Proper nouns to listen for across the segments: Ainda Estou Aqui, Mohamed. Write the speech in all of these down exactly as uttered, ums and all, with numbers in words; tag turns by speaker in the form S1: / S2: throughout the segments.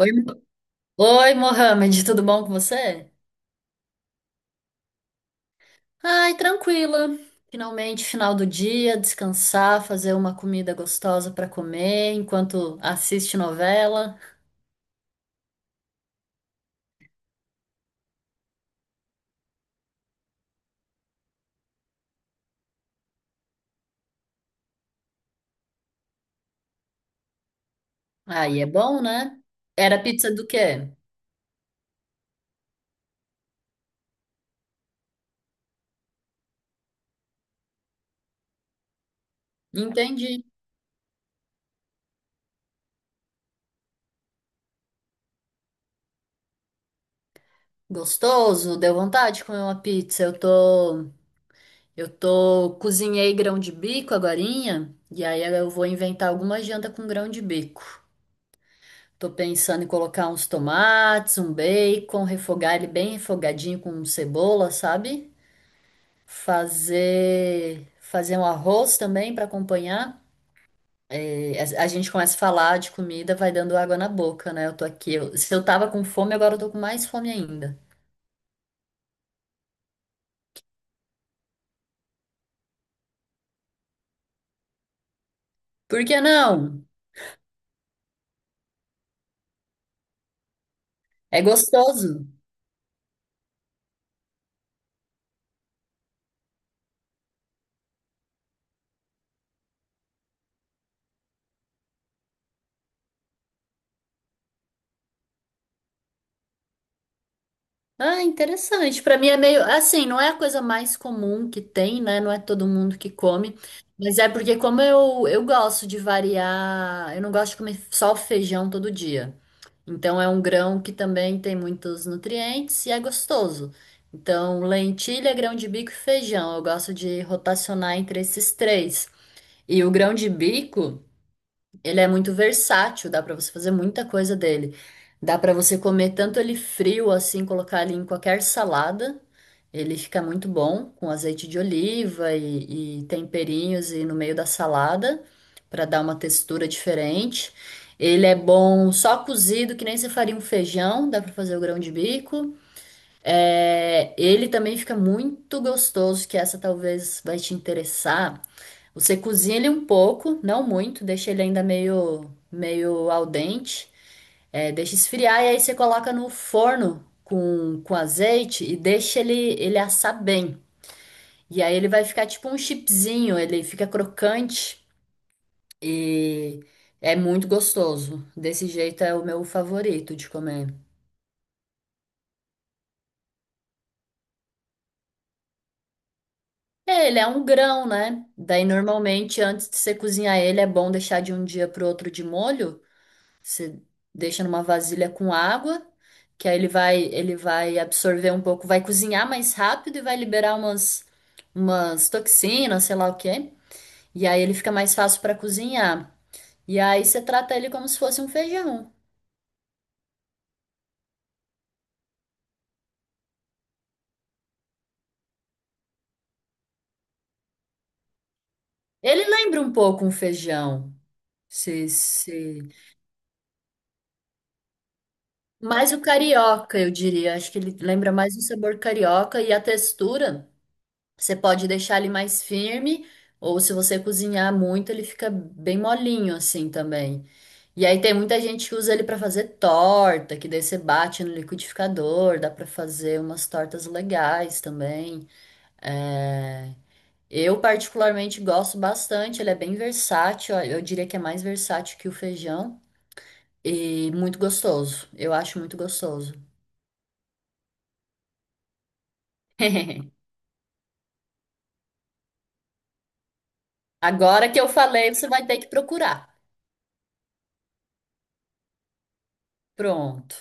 S1: Oi, Mo- Oi, Mohamed, tudo bom com você? Ai, tranquila. Finalmente, final do dia, descansar, fazer uma comida gostosa para comer enquanto assiste novela. Aí é bom, né? Era pizza do quê? Entendi. Gostoso, deu vontade de comer uma pizza. Eu tô, eu tô, cozinhei grão de bico agorinha, e aí eu vou inventar alguma janta com grão de bico. Tô pensando em colocar uns tomates, um bacon, refogar ele bem refogadinho com cebola, sabe? Fazer fazer um arroz também para acompanhar. E a, a gente começa a falar de comida, vai dando água na boca, né? Eu tô aqui, eu- se eu tava com fome, agora eu tô com mais fome ainda. Por que não? É gostoso. Ah, interessante. Para mim é meio assim, não é a coisa mais comum que tem, né? Não é todo mundo que come, mas é porque como eu eu gosto de variar, eu não gosto de comer só o feijão todo dia. Então é um grão que também tem muitos nutrientes e é gostoso. Então, lentilha, grão de bico e feijão, eu gosto de rotacionar entre esses três. E o grão de bico ele é muito versátil, dá pra você fazer muita coisa dele. Dá pra você comer tanto ele frio assim, colocar ele em qualquer salada. Ele fica muito bom com azeite de oliva e, e temperinhos e no meio da salada pra dar uma textura diferente. Ele é bom só cozido, que nem você faria um feijão, dá pra fazer o grão de bico. É, ele também fica muito gostoso, que essa talvez vai te interessar. Você cozinha ele um pouco, não muito, deixa ele ainda meio, meio al dente, é, deixa esfriar e aí você coloca no forno com, com azeite e deixa ele, ele assar bem. E aí ele vai ficar tipo um chipzinho, ele fica crocante e é muito gostoso. Desse jeito é o meu favorito de comer. É, ele é um grão, né? Daí normalmente antes de você cozinhar ele é bom deixar de um dia pro outro de molho. Você deixa numa vasilha com água, que aí ele vai ele vai absorver um pouco, vai cozinhar mais rápido e vai liberar umas umas toxinas, sei lá o quê. E aí ele fica mais fácil para cozinhar. E aí você trata ele como se fosse um feijão. Ele lembra um pouco um feijão. Se, se... Mais o carioca, eu diria. Acho que ele lembra mais o sabor carioca e a textura. Você pode deixar ele mais firme, ou se você cozinhar muito, ele fica bem molinho assim também. E aí tem muita gente que usa ele para fazer torta, que daí você bate no liquidificador, dá para fazer umas tortas legais também. É, Eu particularmente gosto bastante, ele é bem versátil, eu diria que é mais versátil que o feijão e muito gostoso. Eu acho muito gostoso. Agora que eu falei, você vai ter que procurar. Pronto.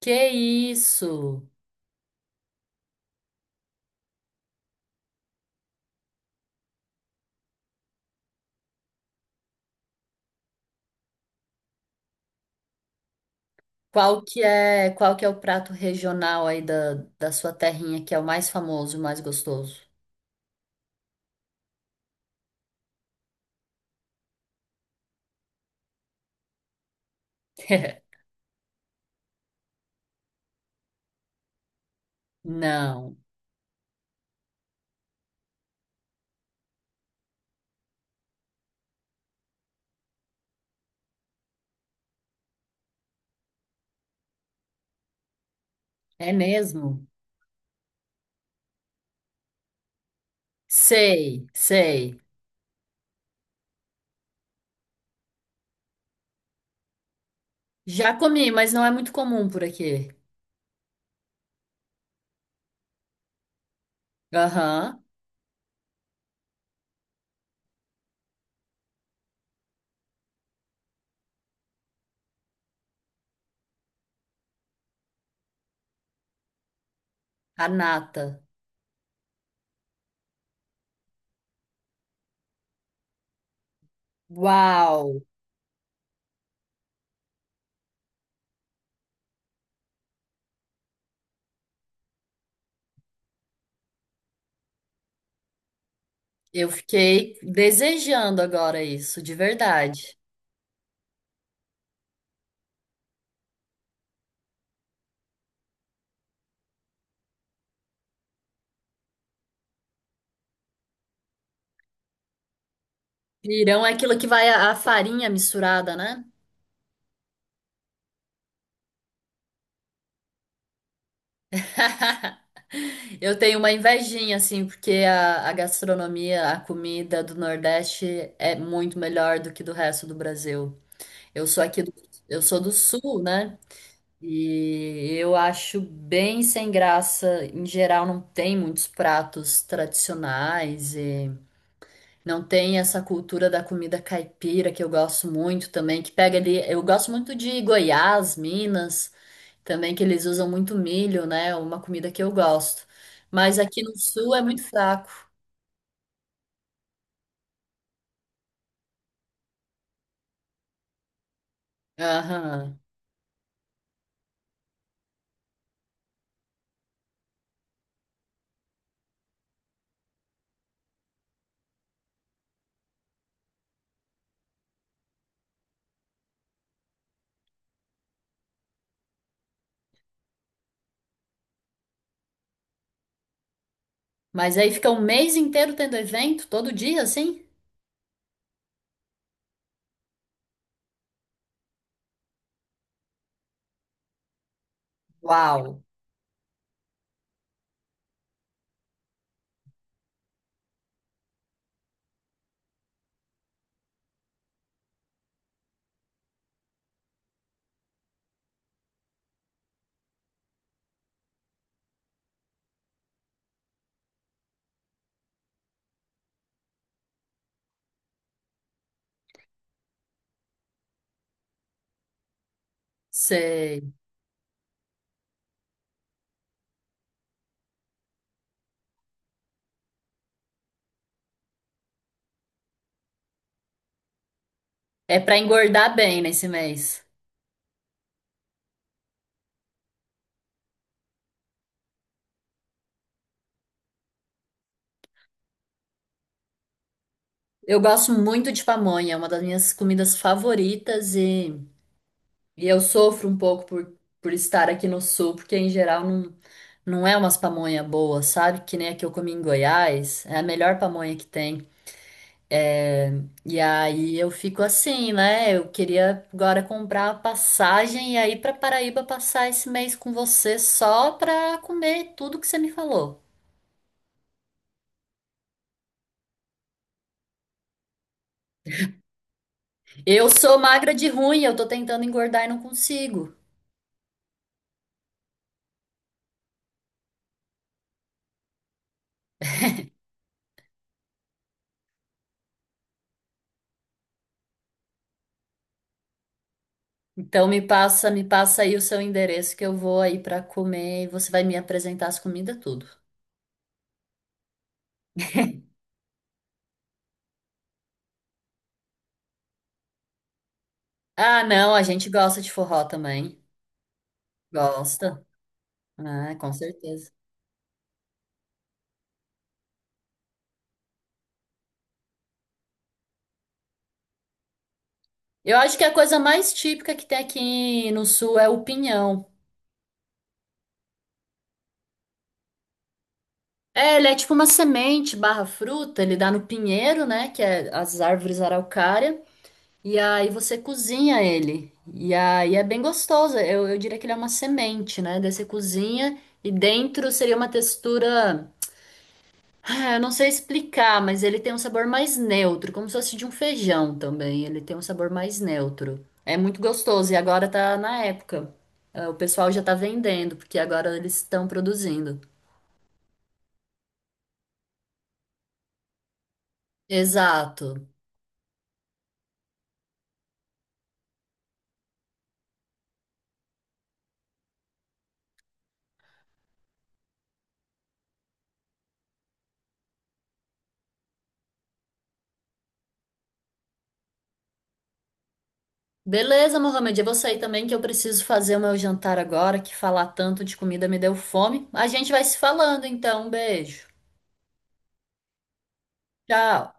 S1: Que isso? Qual que é, qual que é o prato regional aí da, da sua terrinha que é o mais famoso, o mais gostoso? Não. É mesmo? Sei, sei. Já comi, mas não é muito comum por aqui. Aham. A nata. Uau! Eu fiquei desejando agora isso, de verdade. Pirão é aquilo que vai a, a farinha misturada, né? Eu tenho uma invejinha, assim, porque a, a gastronomia, a comida do Nordeste é muito melhor do que do resto do Brasil. Eu sou aqui do, eu sou do Sul, né? E eu acho bem sem graça. Em geral, não tem muitos pratos tradicionais e não tem essa cultura da comida caipira que eu gosto muito também, que pega ali. Eu gosto muito de Goiás, Minas. Também que eles usam muito milho, né? Uma comida que eu gosto. Mas aqui no sul é muito fraco. Aham. Mas aí fica um mês inteiro tendo evento, todo dia, assim? Uau! Sei. É pra engordar bem nesse mês. Eu gosto muito de pamonha, é uma das minhas comidas favoritas e, e eu sofro um pouco por, por estar aqui no sul, porque em geral não, não é umas pamonha boas, sabe? Que nem a que eu comi em Goiás, é a melhor pamonha que tem. É, e aí eu fico assim, né? Eu queria agora comprar a passagem e aí para Paraíba passar esse mês com você só pra comer tudo que você me falou. Eu sou magra de ruim, eu tô tentando engordar e não consigo. Então me passa, me passa aí o seu endereço que eu vou aí pra comer e você vai me apresentar as comidas tudo. Ah, não, a gente gosta de forró também. Gosta? Ah, com certeza. Eu acho que a coisa mais típica que tem aqui no sul é o pinhão. É, ele é tipo uma semente barra fruta, ele dá no pinheiro, né? Que é as árvores araucária. E aí você cozinha ele. E aí é bem gostoso. Eu, eu diria que ele é uma semente, né? Daí você cozinha e dentro seria uma textura. Ah, eu não sei explicar, mas ele tem um sabor mais neutro, como se fosse de um feijão também. Ele tem um sabor mais neutro. É muito gostoso e agora tá na época. Ah, o pessoal já tá vendendo, porque agora eles estão produzindo. Exato. Beleza, Mohamed, eu vou sair também que eu preciso fazer o meu jantar agora, que falar tanto de comida me deu fome. A gente vai se falando então, um beijo. Tchau.